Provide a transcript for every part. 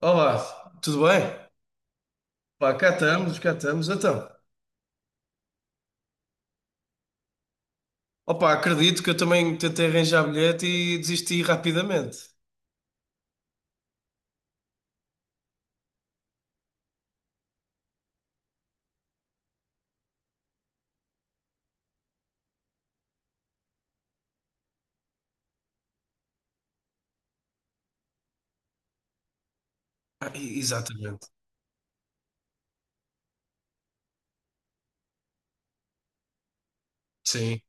Olá, tudo bem? Pá, cá estamos, cá estamos. Então, opá, acredito que eu também tentei arranjar bilhete e desisti rapidamente. Ah, exatamente. Sim.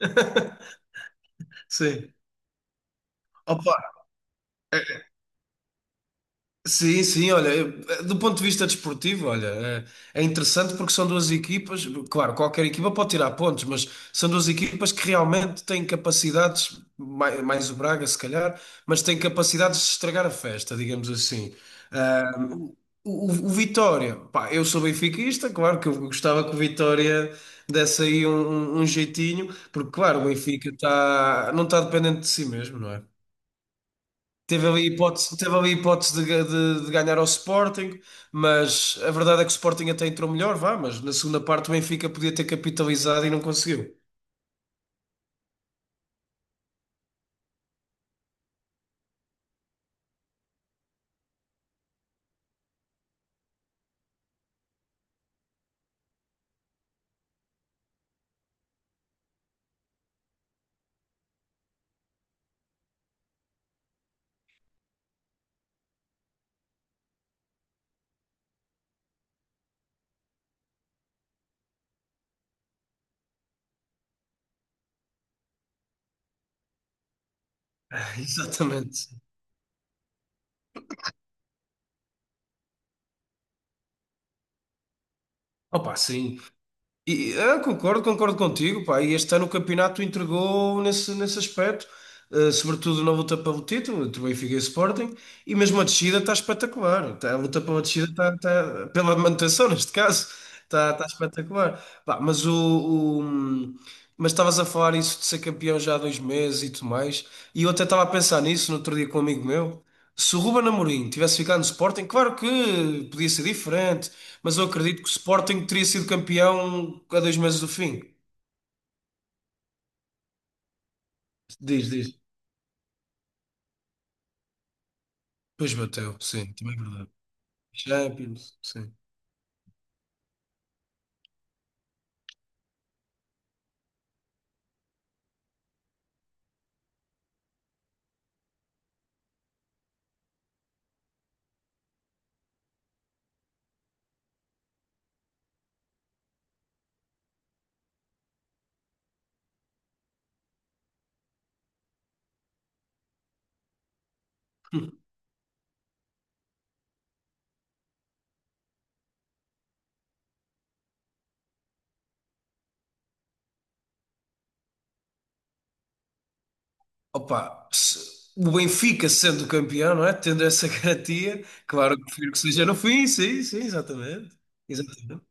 Sim. Opa, sim, sim, olha, do ponto de vista desportivo, olha, é interessante porque são duas equipas, claro, qualquer equipa pode tirar pontos, mas são duas equipas que realmente têm capacidades, mais, o Braga se calhar, mas têm capacidades de estragar a festa, digamos assim. Ah, o Vitória, pá, eu sou benfiquista, claro que eu gostava que o Vitória desse aí um jeitinho, porque claro, o Benfica tá, não está dependente de si mesmo, não é? Teve ali hipótese de ganhar ao Sporting, mas a verdade é que o Sporting até entrou melhor, vá, mas na segunda parte o Benfica podia ter capitalizado e não conseguiu. Exatamente. Opa, sim. E, concordo, concordo contigo, pá. E este ano o campeonato entregou nesse aspecto. Sobretudo na luta pelo título, entre Benfica e Sporting, e mesmo a descida está espetacular. A luta pela descida pela manutenção, neste caso, está espetacular. Pá, mas estavas a falar isso de ser campeão já há 2 meses e tudo mais, e eu até estava a pensar nisso no outro dia com um amigo meu. Se o Ruben Amorim tivesse ficado no Sporting, claro que podia ser diferente, mas eu acredito que o Sporting teria sido campeão há 2 meses do fim. Diz, diz. Pois bateu, sim, também é verdade. Champions, sim. Opa, o Benfica sendo campeão, não é? Tendo essa garantia, claro que prefiro que seja no fim, sim, sim, exatamente. Exatamente.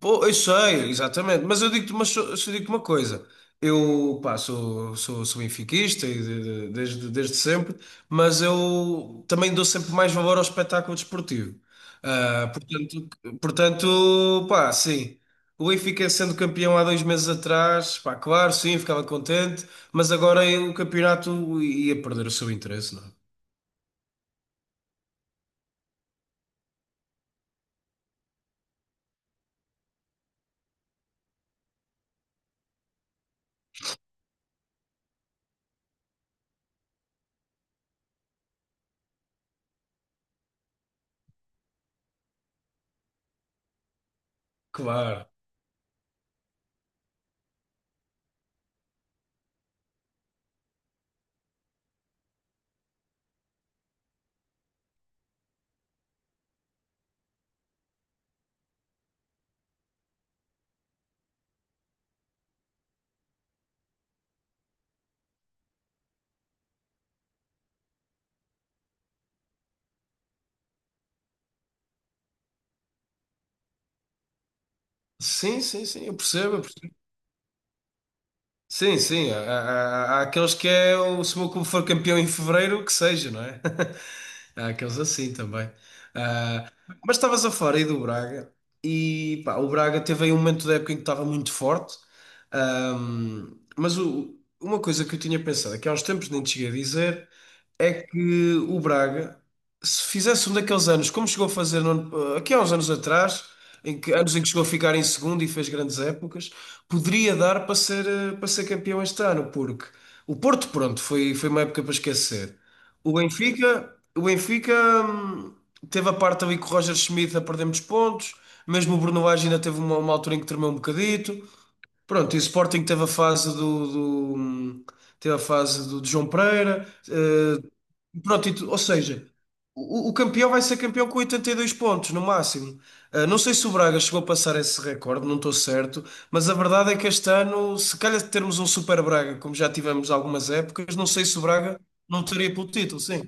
Pô, eu sei, exatamente, mas eu digo-te uma, só digo-te uma coisa. Eu, pá, sou benfiquista e desde sempre, mas eu também dou sempre mais valor ao espetáculo desportivo. Ah, portanto, pá, sim. O Benfica sendo campeão há 2 meses atrás, pá, claro, sim, ficava contente, mas agora o campeonato ia perder o seu interesse, não é? Claro. Sim, sim, sim, eu percebo, eu percebo. Sim, sim. Há aqueles que é o, se o meu clube for campeão em fevereiro, que seja, não é? Há aqueles assim também. Ah, mas estavas a falar aí do Braga e pá, o Braga teve aí um momento da época em que estava muito forte. Mas uma coisa que eu tinha pensado, é que há uns tempos nem te cheguei a dizer é que o Braga, se fizesse um daqueles anos, como chegou a fazer no ano- aqui há uns anos atrás, anos em que chegou a ficar em segundo e fez grandes épocas, poderia dar para ser campeão este ano, porque o Porto, pronto, foi uma época para esquecer. O Benfica, hum, teve a parte ali com o Roger Schmidt a perder muitos pontos, mesmo o Bruno Lage ainda teve uma altura em que tremeu um bocadito. Pronto, e o Sporting teve a fase do, de João Pereira. Pronto, ou seja, o campeão vai ser campeão com 82 pontos no máximo. Ah, não sei se o Braga chegou a passar esse recorde, não estou certo, mas a verdade é que este ano, se calhar de termos um Super Braga, como já tivemos algumas épocas, não sei se o Braga não teria pelo título, sim.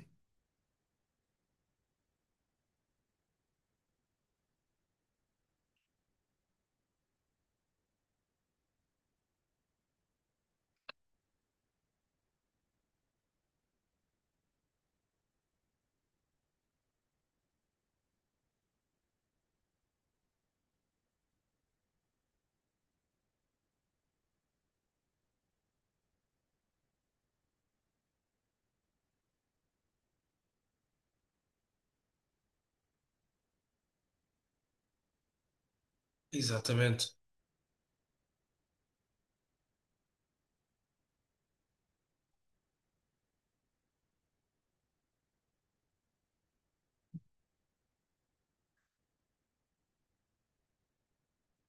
Exatamente,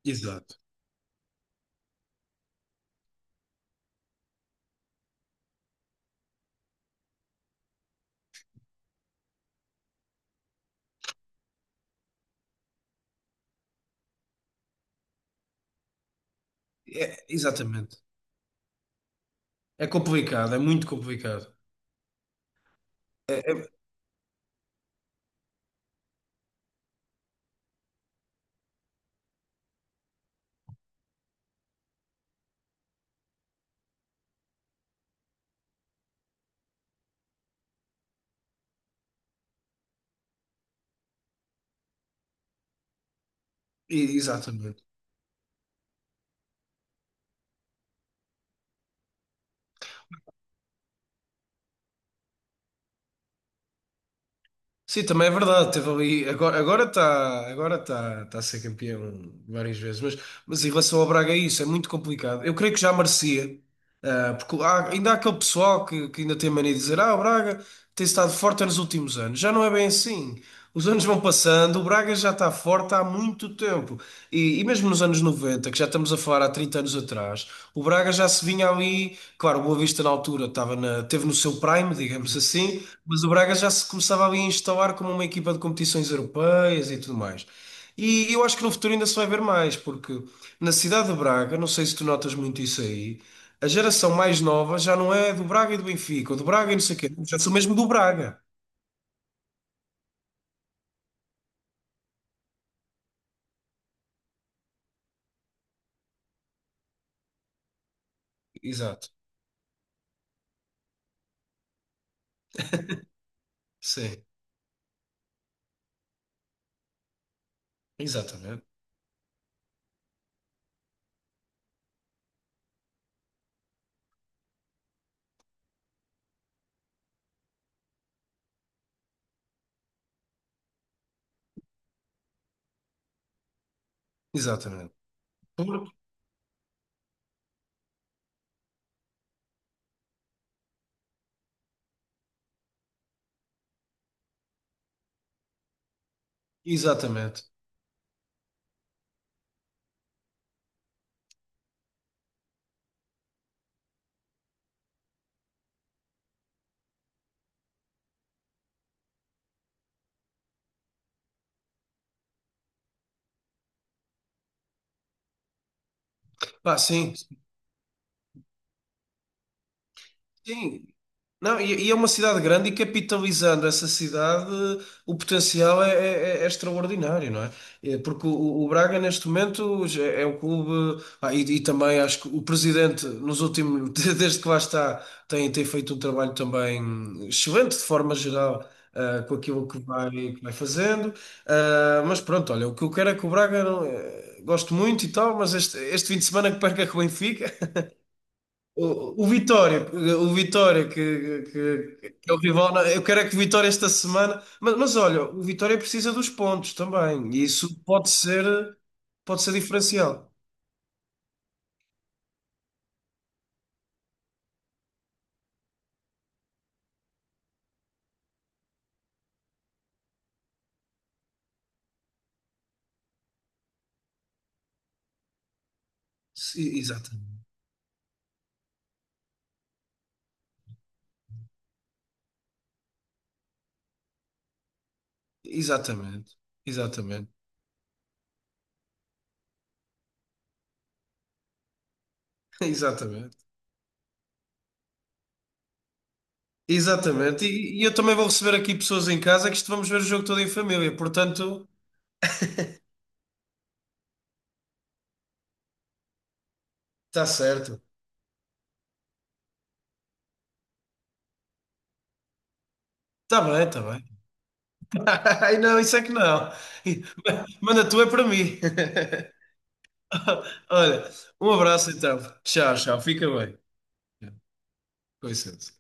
exato. É, exatamente. É complicado, é muito complicado. É- é- Exatamente. Sim, também é verdade. Teve ali, agora está agora tá a ser campeão várias vezes, mas em relação ao Braga, é isso é muito complicado. Eu creio que já merecia, porque ainda há aquele pessoal que ainda tem mania de dizer: Ah, o Braga tem estado forte nos últimos anos. Já não é bem assim. Os anos vão passando, o Braga já está forte há muito tempo. E mesmo nos anos 90, que já estamos a falar há 30 anos atrás, o Braga já se vinha ali. Claro, o Boa Vista na altura estava teve no seu prime, digamos assim, mas o Braga já se começava ali a instalar como uma equipa de competições europeias e tudo mais. E eu acho que no futuro ainda se vai ver mais, porque na cidade de Braga, não sei se tu notas muito isso aí, a geração mais nova já não é do Braga e do Benfica, ou do Braga e não sei o quê, já sou mesmo do Braga. Exato, sim, exatamente, exatamente. Por- Exatamente. Pá, sim, sim, não, e é uma cidade grande e capitalizando essa cidade, o potencial é extraordinário, não é? É, porque o Braga, neste momento, já é um clube. E, também acho que o presidente, nos últimos, desde que lá está, tem feito um trabalho também excelente, de forma geral, com aquilo que vai fazendo. Ah, mas pronto, olha, o que eu quero é que o Braga, gosto muito e tal, mas este fim de semana que perca com o Benfica. O Vitória, o Vitória que é o rival, eu quero é que o Vitória esta semana, mas olha, o Vitória precisa dos pontos também, e isso pode ser, diferencial. Sim, exatamente, exatamente, exatamente, exatamente, exatamente. E eu também vou receber aqui pessoas em casa que isto vamos ver o jogo todo em família, portanto, está certo, está bem, está bem. Ai, não, isso é que não. Manda tu é para mim. Olha, um abraço então. Tchau, tchau. Fica bem. Com licença.